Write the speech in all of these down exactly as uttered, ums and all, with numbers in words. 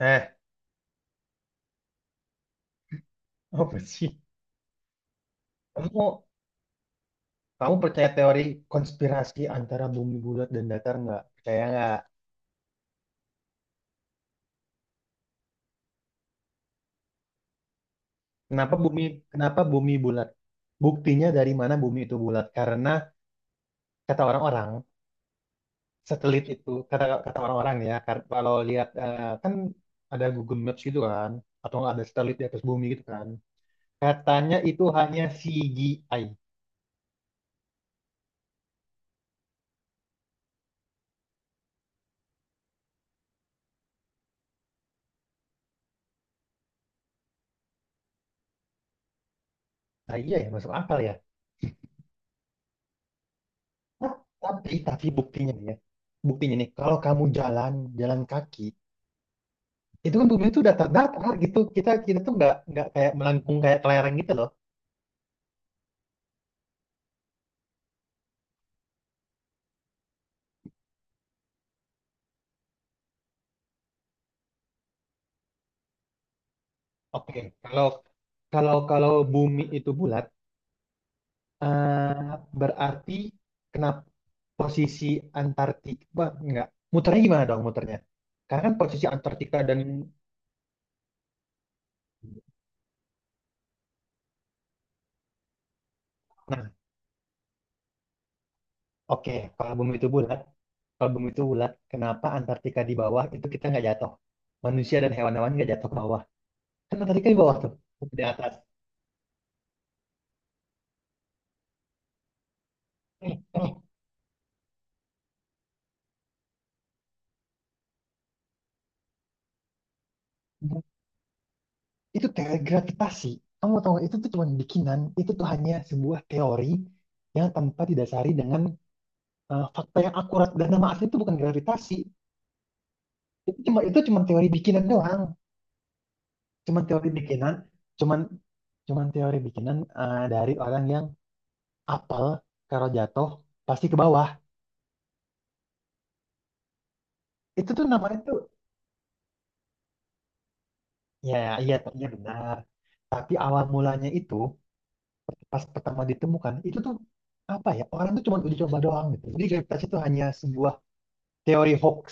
Eh, apa sih? Kamu, kamu percaya teori konspirasi antara bumi bulat dan datar nggak? Percaya nggak? Kenapa bumi, kenapa bumi bulat? Buktinya dari mana bumi itu bulat? Karena kata orang-orang, satelit itu, kata kata orang-orang ya, kar- kalau lihat, eh, kan ada Google Maps gitu kan, atau nggak ada satelit di atas bumi gitu kan. Katanya itu hanya C G I. Nah iya ya, masuk akal ya. Tapi, tapi buktinya nih ya, buktinya nih, kalau kamu jalan, jalan kaki, itu kan bumi itu udah terdata gitu, kita kita tuh nggak nggak kayak melengkung kayak kelereng gitu loh. Oke, kalau kalau kalau bumi itu bulat, eh, berarti kenapa posisi Antartika, wah, nggak, muternya gimana dong, muternya karena kan posisi Antartika dan nah, oke, kalau bumi itu bulat, kalau bumi itu bulat kenapa Antartika di bawah itu kita nggak jatuh, manusia dan hewan-hewan nggak jatuh ke bawah, kan Antartika di bawah tuh, di atas. Eh, eh, itu teori gravitasi. Kamu tahu nggak, itu tuh cuma bikinan, itu tuh hanya sebuah teori yang tanpa didasari dengan, eh, fakta yang akurat, dan nama asli itu bukan gravitasi. Itu cuma itu cuma teori bikinan doang. Cuma teori bikinan, cuman cuman teori bikinan, eh, dari orang yang apel kalau jatuh pasti ke bawah. Itu tuh namanya tuh. Ya, iya iya, benar. Tapi awal mulanya itu, pas pertama ditemukan itu tuh apa ya, orang tuh cuma uji coba doang gitu. Jadi gravitasi itu hanya sebuah teori hoax.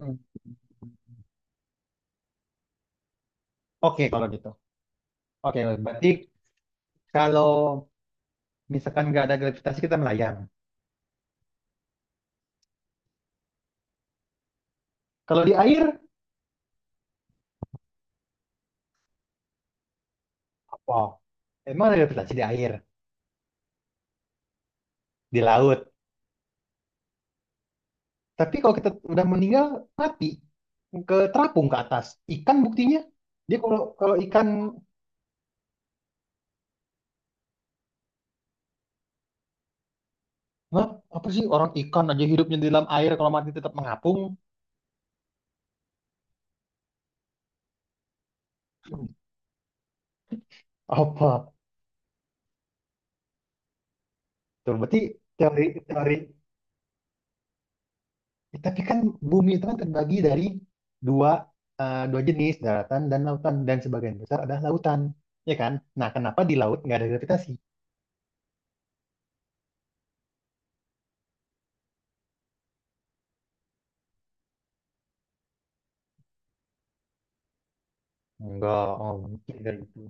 Hmm. Oke, kalau gitu. Oke, berarti kalau misalkan nggak ada gravitasi kita melayang. Kalau di air, apa? Emang ada gravitasi di air, di laut. Tapi kalau kita udah meninggal, mati. Ke terapung ke atas. Ikan buktinya. Dia kalau kalau ikan, hah? Apa sih, orang ikan aja hidupnya di dalam air kalau mati tetap mengapung. Apa? Tuh, berarti teori teori Ya, tapi kan bumi itu kan terbagi dari dua, eh, dua jenis, daratan dan lautan. Dan sebagian besar adalah lautan, ya kan? Nah, kenapa di laut nggak ada gravitasi? Enggak, oh, mungkin dari itu.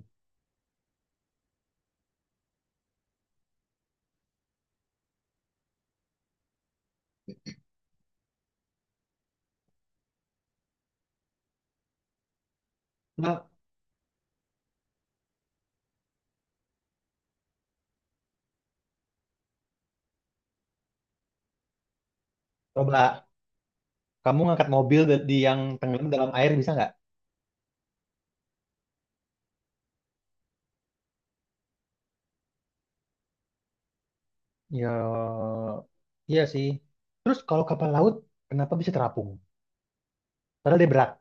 Nah, coba kamu ngangkat mobil da- di yang tenggelam dalam air bisa nggak? Ya, iya sih. Terus kalau kapal laut, kenapa bisa terapung? Padahal dia berat.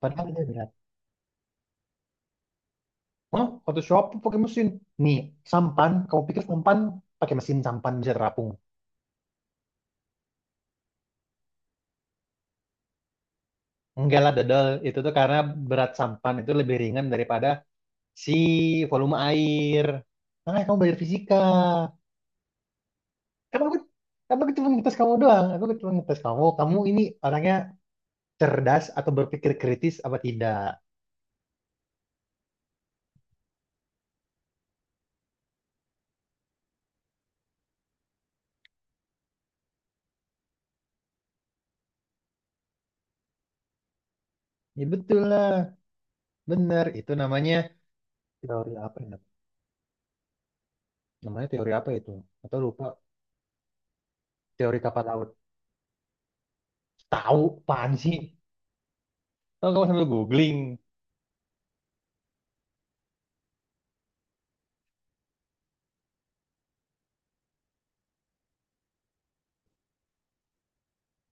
Padahal dia berat. Oh, Photoshop pakai mesin. Nih, sampan, kamu pikir sampan pakai mesin, sampan bisa terapung? Enggak lah dodol, itu tuh karena berat sampan itu lebih ringan daripada si volume air. Makanya kamu belajar fisika. Kan aku, kan aku cuma ngetes kamu doang, aku cuma ngetes kamu. Kamu ini orangnya cerdas atau berpikir kritis apa tidak. Ya betul lah, bener. Itu namanya teori apa ya? Namanya teori apa itu? Atau lupa, teori kapal laut. Tahu, apaan sih? Tahu, kamu sambil googling.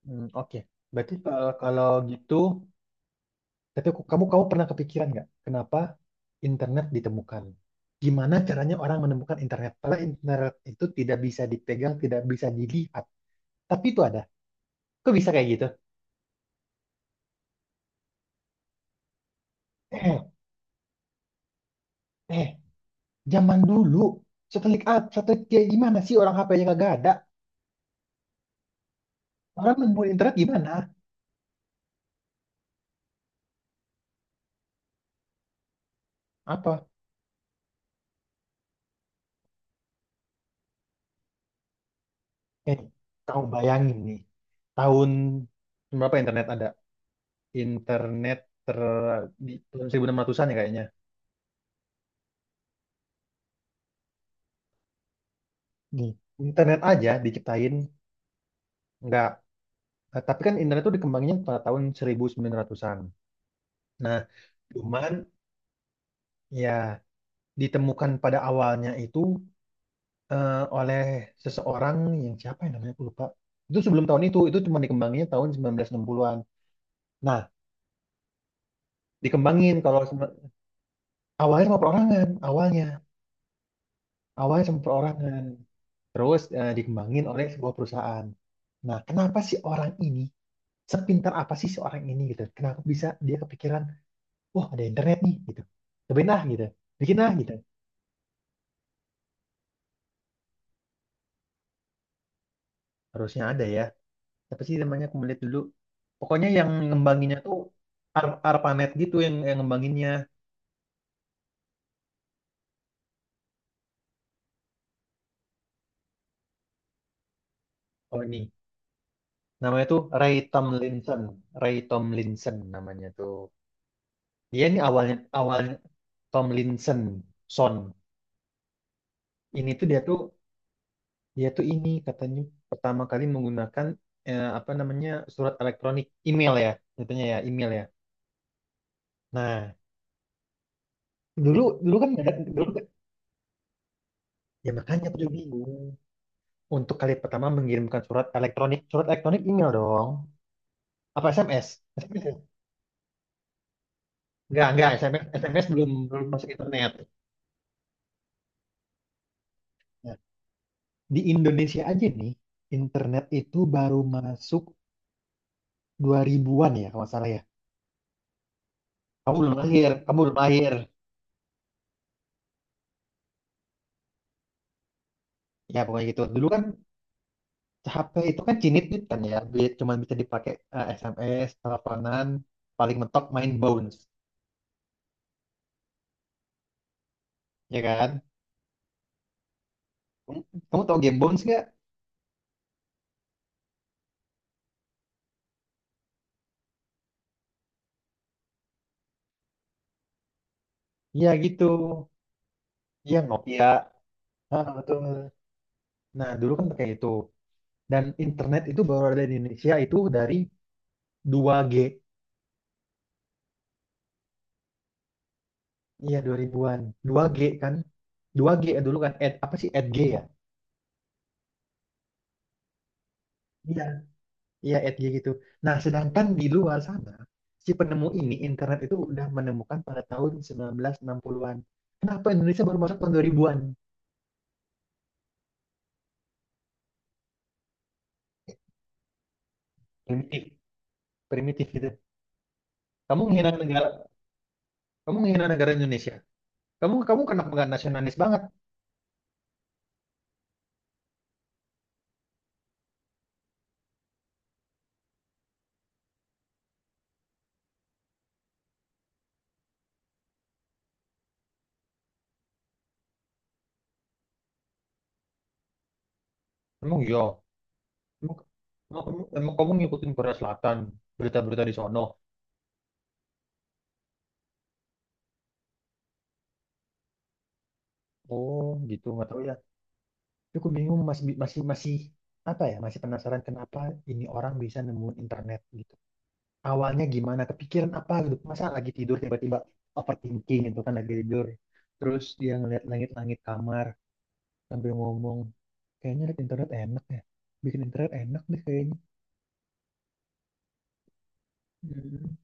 Hmm. Oke, berarti kalau, kalau gitu, tapi aku- kamu kamu pernah kepikiran nggak? Kenapa internet ditemukan. Gimana caranya orang menemukan internet? Karena internet itu tidak bisa dipegang, tidak bisa dilihat. Tapi itu ada. Kok bisa kayak gitu? Eh, eh, zaman dulu satelit A, satelit kayak gimana sih orang H P-nya kagak ada? Orang menemukan internet gimana? Apa? Eh, kau bayangin nih, tahun berapa internet ada? Internet ter di tahun seribu enam ratusan-an ya kayaknya. Nih, internet aja diciptain nggak. Nah, tapi kan internet itu dikembangin pada tahun seribu sembilan ratusan-an. Nah, cuman ya, ditemukan pada awalnya itu, eh, oleh seseorang yang, siapa yang namanya aku lupa. Itu sebelum tahun itu, itu cuma dikembanginnya tahun sembilan belas enam puluhan-an. Nah, dikembangin kalau sem- awalnya sama perorangan, awalnya. Awalnya sama perorangan. Terus, eh, dikembangin oleh sebuah perusahaan. Nah, kenapa sih orang ini, sepintar apa sih seorang ini gitu? Kenapa bisa dia kepikiran, wah ada internet nih gitu. Cobain ah gitu, bikin ah gitu. Harusnya ada ya, apa sih namanya, aku melihat dulu, pokoknya yang ngembanginnya tuh Ar ARPANET gitu yang, yang ngembanginnya, oh ini, namanya tuh Ray Tomlinson. Ray Tomlinson namanya tuh, dia ini awalnya awalnya Tomlinson Son. Ini tuh dia tuh dia tuh ini katanya pertama kali menggunakan, eh, apa namanya, surat elektronik email ya, katanya ya, email ya. Nah, dulu dulu kan nggak ada dulu kan- ya makanya aku juga bingung, untuk kali pertama mengirimkan surat elektronik, surat elektronik, email dong, apa S M S? Enggak, enggak S M S, S M S belum belum masuk internet. Nah, di Indonesia aja nih, internet itu baru masuk dua ribuan-an ya kalau nggak salah ya. Kamu belum lahir, kamu belum lahir. Ya pokoknya gitu. Dulu kan H P itu kan cinit-cinit kan ya, bi- cuman bisa dipakai, eh, S M S, teleponan, paling mentok main Bounce, ya kan? Kamu, kamu tahu game Bounce nggak? Ya gitu. Ya Nokia. Ah, betul. Nah, dulu kan pakai itu. Dan internet itu baru ada di Indonesia itu dari dua G. Iya, dua ribuan-an. dua G kan? dua G ya dulu kan? Ed, apa sih? Edg ya? Iya. Iya, Edg gitu. Nah, sedangkan di luar sana, si penemu ini, internet itu udah menemukan pada tahun sembilan belas enam puluhan-an. Kenapa Indonesia baru masuk tahun dua ribuan-an? Primitif. Primitif gitu. Kamu menghina negara, kamu menghina negara Indonesia. Kamu kamu kenapa nggak nasionalis banget? Emang yo, emang, emang, emang kamu ngikutin Korea Selatan, berita-berita di sono. Oh, gitu. Nggak tahu ya. Cukup bingung, masih masih masih apa ya, masih penasaran kenapa ini orang bisa nemuin internet gitu, awalnya gimana kepikiran apa gitu, masa lagi tidur tiba-tiba overthinking gitu kan, lagi tidur terus dia ngeliat langit-langit kamar sambil ngomong, kayaknya liat internet enak ya, bikin internet enak deh kayaknya. Hmm.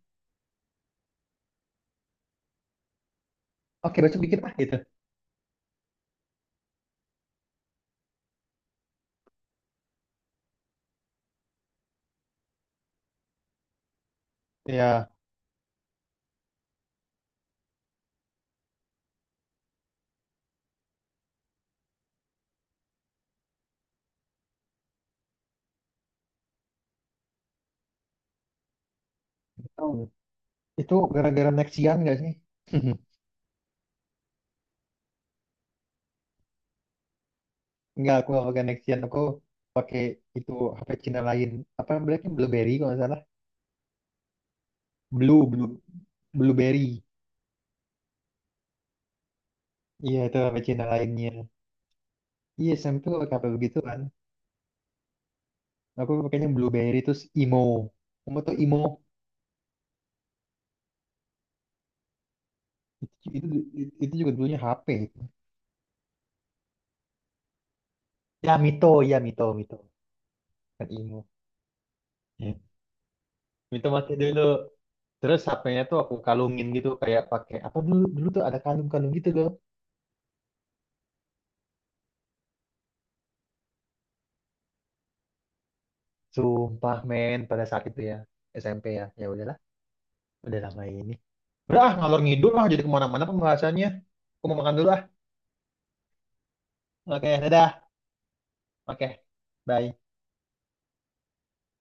Oke, besok bikin ah gitu. Ya tahu, itu gara-gara Nexian gak sih? Enggak, aku nggak pakai Nexian, aku pakai itu H P Cina lain, apa namanya, Blackberry kalau nggak salah. Blue, blue, blueberry. Iya, itu apa Cina lainnya. Iya, S M P tuh pakai apa begitu kan? Aku pakainya blueberry terus imo. Kamu tuh imo? Itu, itu, itu juga dulunya H P itu. Ya, Mito, ya Mito, Mito. Kan imo. Ya. Mito pakai dulu. Terus H P-nya tuh aku kalungin gitu kayak pakai apa, dulu dulu tuh ada kalung-kalung gitu loh. Sumpah men pada saat itu ya, S M P ya. Ya udahlah, udah lama ini. Udah ah, ngalor ngidul lah jadi kemana-mana pembahasannya. Aku mau makan dulu ah. Oke, dadah. Oke, bye.